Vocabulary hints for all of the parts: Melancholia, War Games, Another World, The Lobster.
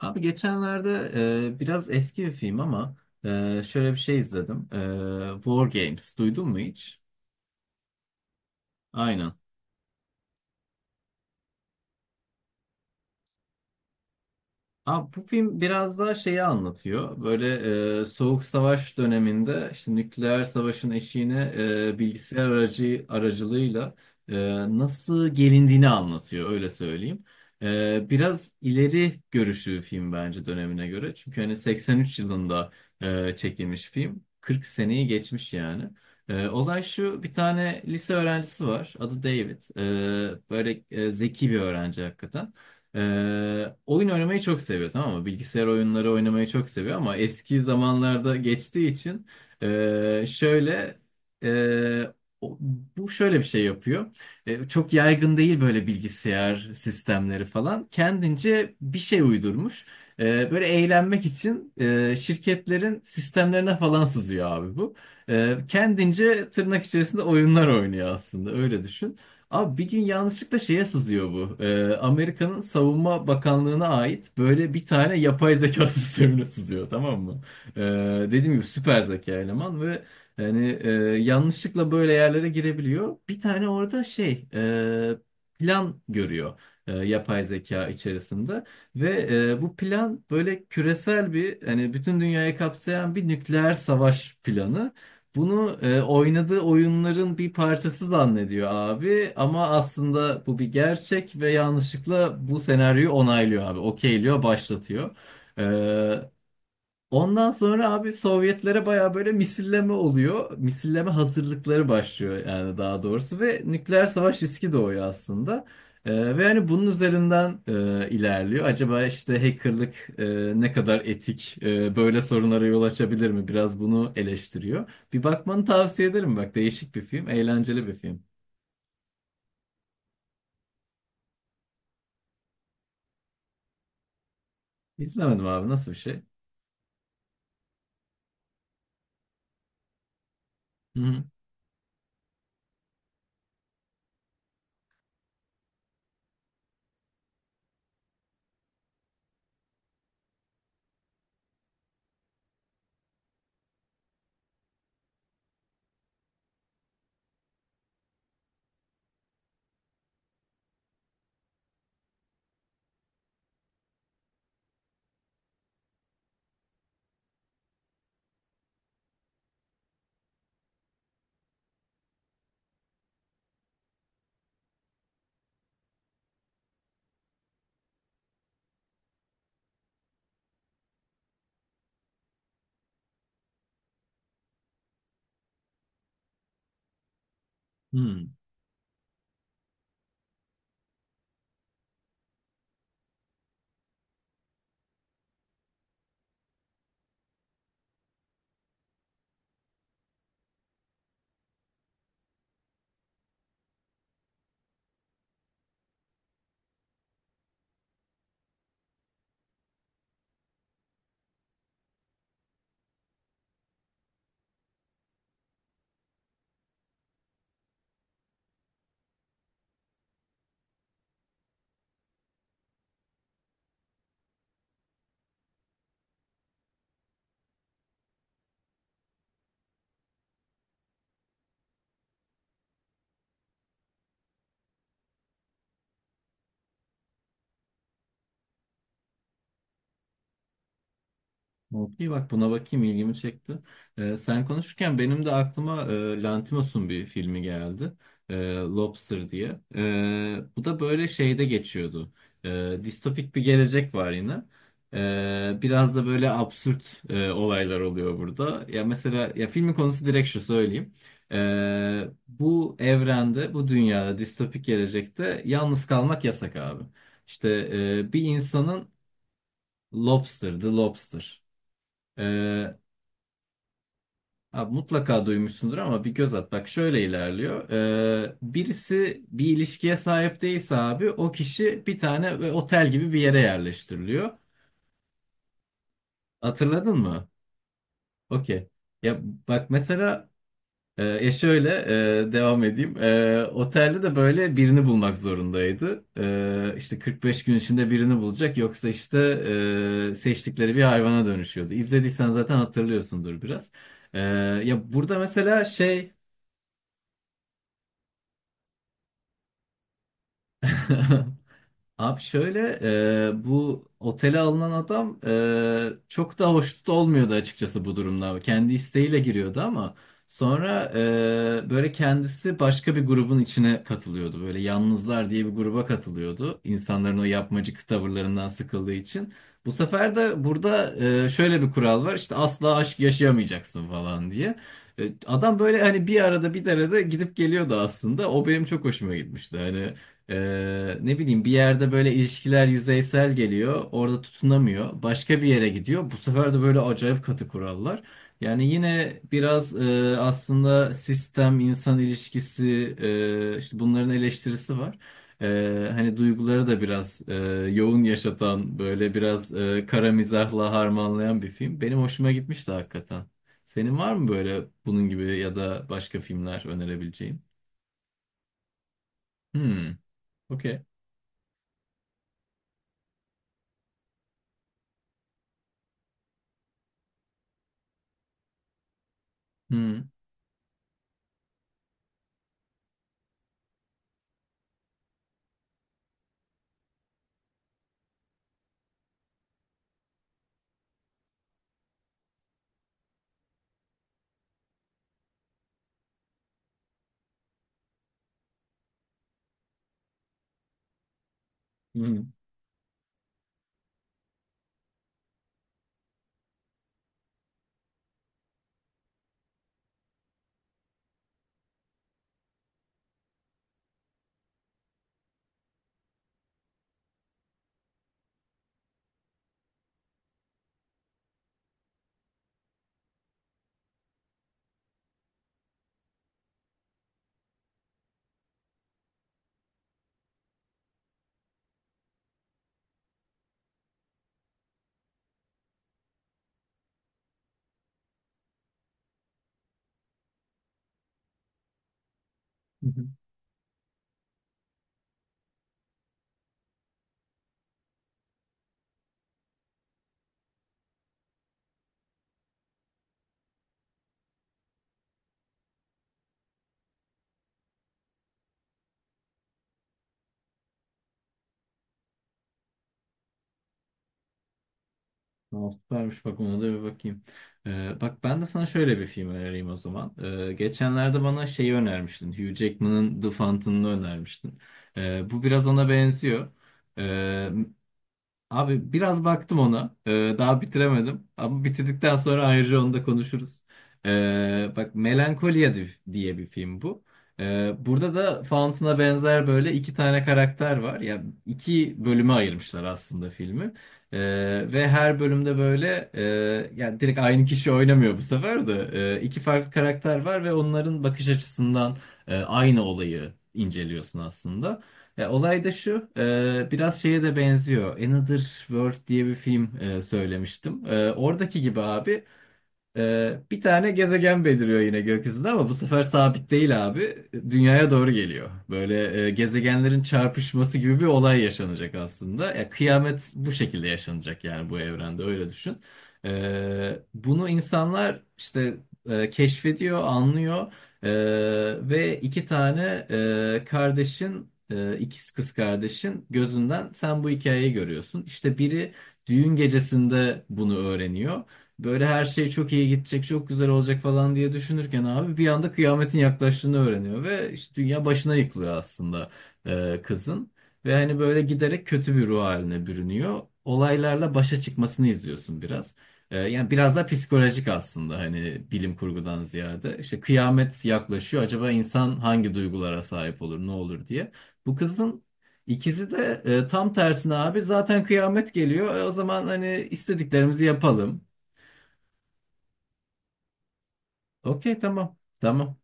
Abi geçenlerde biraz eski bir film ama şöyle bir şey izledim. War Games duydun mu hiç? Aynen. Abi bu film biraz daha şeyi anlatıyor. Böyle Soğuk Savaş döneminde işte nükleer savaşın eşiğine bilgisayar aracılığıyla e, nasıl gelindiğini anlatıyor öyle söyleyeyim. Biraz ileri görüşlü bir film bence dönemine göre. Çünkü hani 83 yılında çekilmiş film. 40 seneyi geçmiş yani. Olay şu, bir tane lise öğrencisi var. Adı David. Böyle zeki bir öğrenci hakikaten. Oyun oynamayı çok seviyor, tamam mı? Bilgisayar oyunları oynamayı çok seviyor ama eski zamanlarda geçtiği için ee, şöyle ee, o- bu şöyle bir şey yapıyor. Çok yaygın değil böyle bilgisayar sistemleri falan. Kendince bir şey uydurmuş. Böyle eğlenmek için şirketlerin sistemlerine falan sızıyor abi bu. Kendince tırnak içerisinde oyunlar oynuyor aslında, öyle düşün. Abi bir gün yanlışlıkla şeye sızıyor bu. Amerika'nın Savunma Bakanlığı'na ait böyle bir tane yapay zeka sistemine sızıyor, tamam mı? Ee, Dediğim gibi süper zeka eleman ve yani yanlışlıkla böyle yerlere girebiliyor. Bir tane orada şey plan görüyor yapay zeka içerisinde ve bu plan böyle küresel bir, hani bütün dünyayı kapsayan bir nükleer savaş planı. Bunu oynadığı oyunların bir parçası zannediyor abi, ama aslında bu bir gerçek ve yanlışlıkla bu senaryoyu onaylıyor abi. Okeyliyor, başlatıyor. E, Ondan sonra abi Sovyetlere baya böyle misilleme oluyor. Misilleme hazırlıkları başlıyor yani daha doğrusu, ve nükleer savaş riski doğuyor aslında. Ve hani bunun üzerinden ilerliyor. Acaba işte hackerlık ne kadar etik, böyle sorunlara yol açabilir mi? Biraz bunu eleştiriyor. Bir bakmanı tavsiye ederim, bak değişik bir film, eğlenceli bir film. İzlemedim abi, nasıl bir şey? Hı hı. Hı. Okey, bak buna bakayım, ilgimi çekti. Sen konuşurken benim de aklıma Lanthimos'un bir filmi geldi. Lobster diye. Bu da böyle şeyde geçiyordu. Distopik bir gelecek var yine. Biraz da böyle absürt olaylar oluyor burada. Ya mesela, ya filmin konusu direkt şu, söyleyeyim. Bu evrende, bu dünyada, distopik gelecekte yalnız kalmak yasak abi. İşte bir insanın Lobster, The Lobster. E, Abi mutlaka duymuşsundur ama bir göz at. Bak şöyle ilerliyor. Birisi bir ilişkiye sahip değilse abi, o kişi bir tane ve otel gibi bir yere yerleştiriliyor. Hatırladın mı? Okey. Ya, bak mesela e, ya şöyle devam edeyim. Otelde de böyle birini bulmak zorundaydı. İşte 45 gün içinde birini bulacak, yoksa işte seçtikleri bir hayvana dönüşüyordu. İzlediysen zaten hatırlıyorsundur biraz. E, Ya burada mesela şey abi şöyle bu otele alınan adam çok da hoşnut olmuyordu açıkçası bu durumda. Kendi isteğiyle giriyordu ama sonra böyle kendisi başka bir grubun içine katılıyordu. Böyle yalnızlar diye bir gruba katılıyordu. İnsanların o yapmacık tavırlarından sıkıldığı için. Bu sefer de burada şöyle bir kural var, işte asla aşk yaşayamayacaksın falan diye. Adam böyle hani bir arada gidip geliyordu aslında. O benim çok hoşuma gitmişti. Hani ne bileyim, bir yerde böyle ilişkiler yüzeysel geliyor. Orada tutunamıyor. Başka bir yere gidiyor. Bu sefer de böyle acayip katı kurallar. Yani yine biraz aslında sistem, insan ilişkisi, işte bunların eleştirisi var. Hani duyguları da biraz yoğun yaşatan, böyle biraz kara mizahla harmanlayan bir film. Benim hoşuma gitmişti hakikaten. Senin var mı böyle bunun gibi ya da başka filmler önerebileceğin? Hmm, okey. Hmm. Hmm. Hı hı. Tamam, süpermiş, bak ona da bir bakayım. Bak ben de sana şöyle bir film önereyim o zaman. Geçenlerde bana şeyi önermiştin. Hugh Jackman'ın The Fountain'ını önermiştin. Bu biraz ona benziyor. Ee, Abi biraz baktım ona. Daha bitiremedim. Ama bitirdikten sonra ayrıca onu da konuşuruz. Bak Melankolia diye bir film bu. Burada da Fountain'a benzer böyle iki tane karakter var. Ya iki bölüme ayırmışlar aslında filmi. Ee, Ve her bölümde böyle yani direkt aynı kişi oynamıyor bu sefer de. İki farklı karakter var ve onların bakış açısından aynı olayı inceliyorsun aslında. Ya, olay da şu, biraz şeye de benziyor. Another World diye bir film söylemiştim. Oradaki gibi abi bir tane gezegen beliriyor yine gökyüzünde, ama bu sefer sabit değil abi. Dünyaya doğru geliyor. Böyle gezegenlerin çarpışması gibi bir olay yaşanacak aslında. Ya, kıyamet bu şekilde yaşanacak yani, bu evrende öyle düşün. Bunu insanlar işte keşfediyor, anlıyor. Ee, Ve iki tane kardeşin, ikiz kız kardeşin gözünden sen bu hikayeyi görüyorsun. İşte biri düğün gecesinde bunu öğreniyor. Böyle her şey çok iyi gidecek, çok güzel olacak falan diye düşünürken abi bir anda kıyametin yaklaştığını öğreniyor ve işte dünya başına yıkılıyor aslında kızın. Ve hani böyle giderek kötü bir ruh haline bürünüyor. Olaylarla başa çıkmasını izliyorsun biraz. Yani biraz da psikolojik aslında, hani bilim kurgudan ziyade. İşte kıyamet yaklaşıyor. Acaba insan hangi duygulara sahip olur, ne olur diye. Bu kızın İkisi de tam tersine abi, zaten kıyamet geliyor. O zaman hani istediklerimizi yapalım. Okey, tamam. Tamam.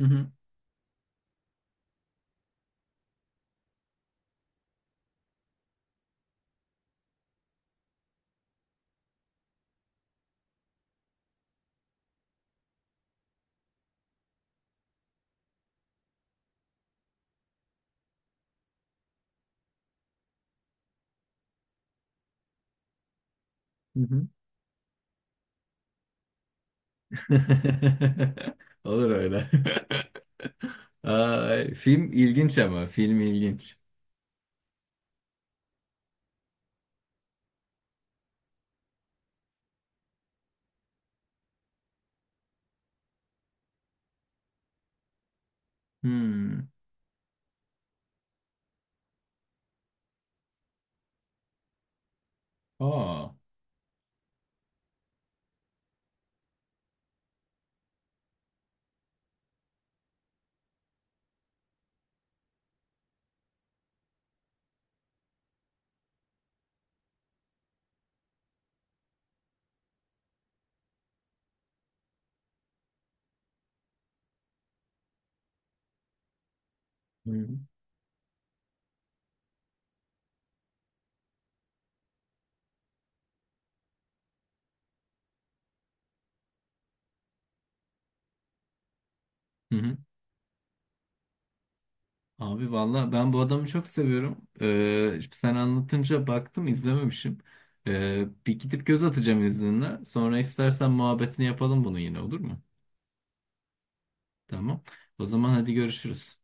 Hı hı. Hı hı. Olur öyle. Ay, film ilginç, ama film ilginç. Hmm. Aa. Hı hı. Hı. Abi valla ben bu adamı çok seviyorum. Şimdi sen anlatınca baktım izlememişim. Bir gidip göz atacağım izninle. Sonra istersen muhabbetini yapalım bunu yine, olur mu? Tamam. O zaman hadi görüşürüz.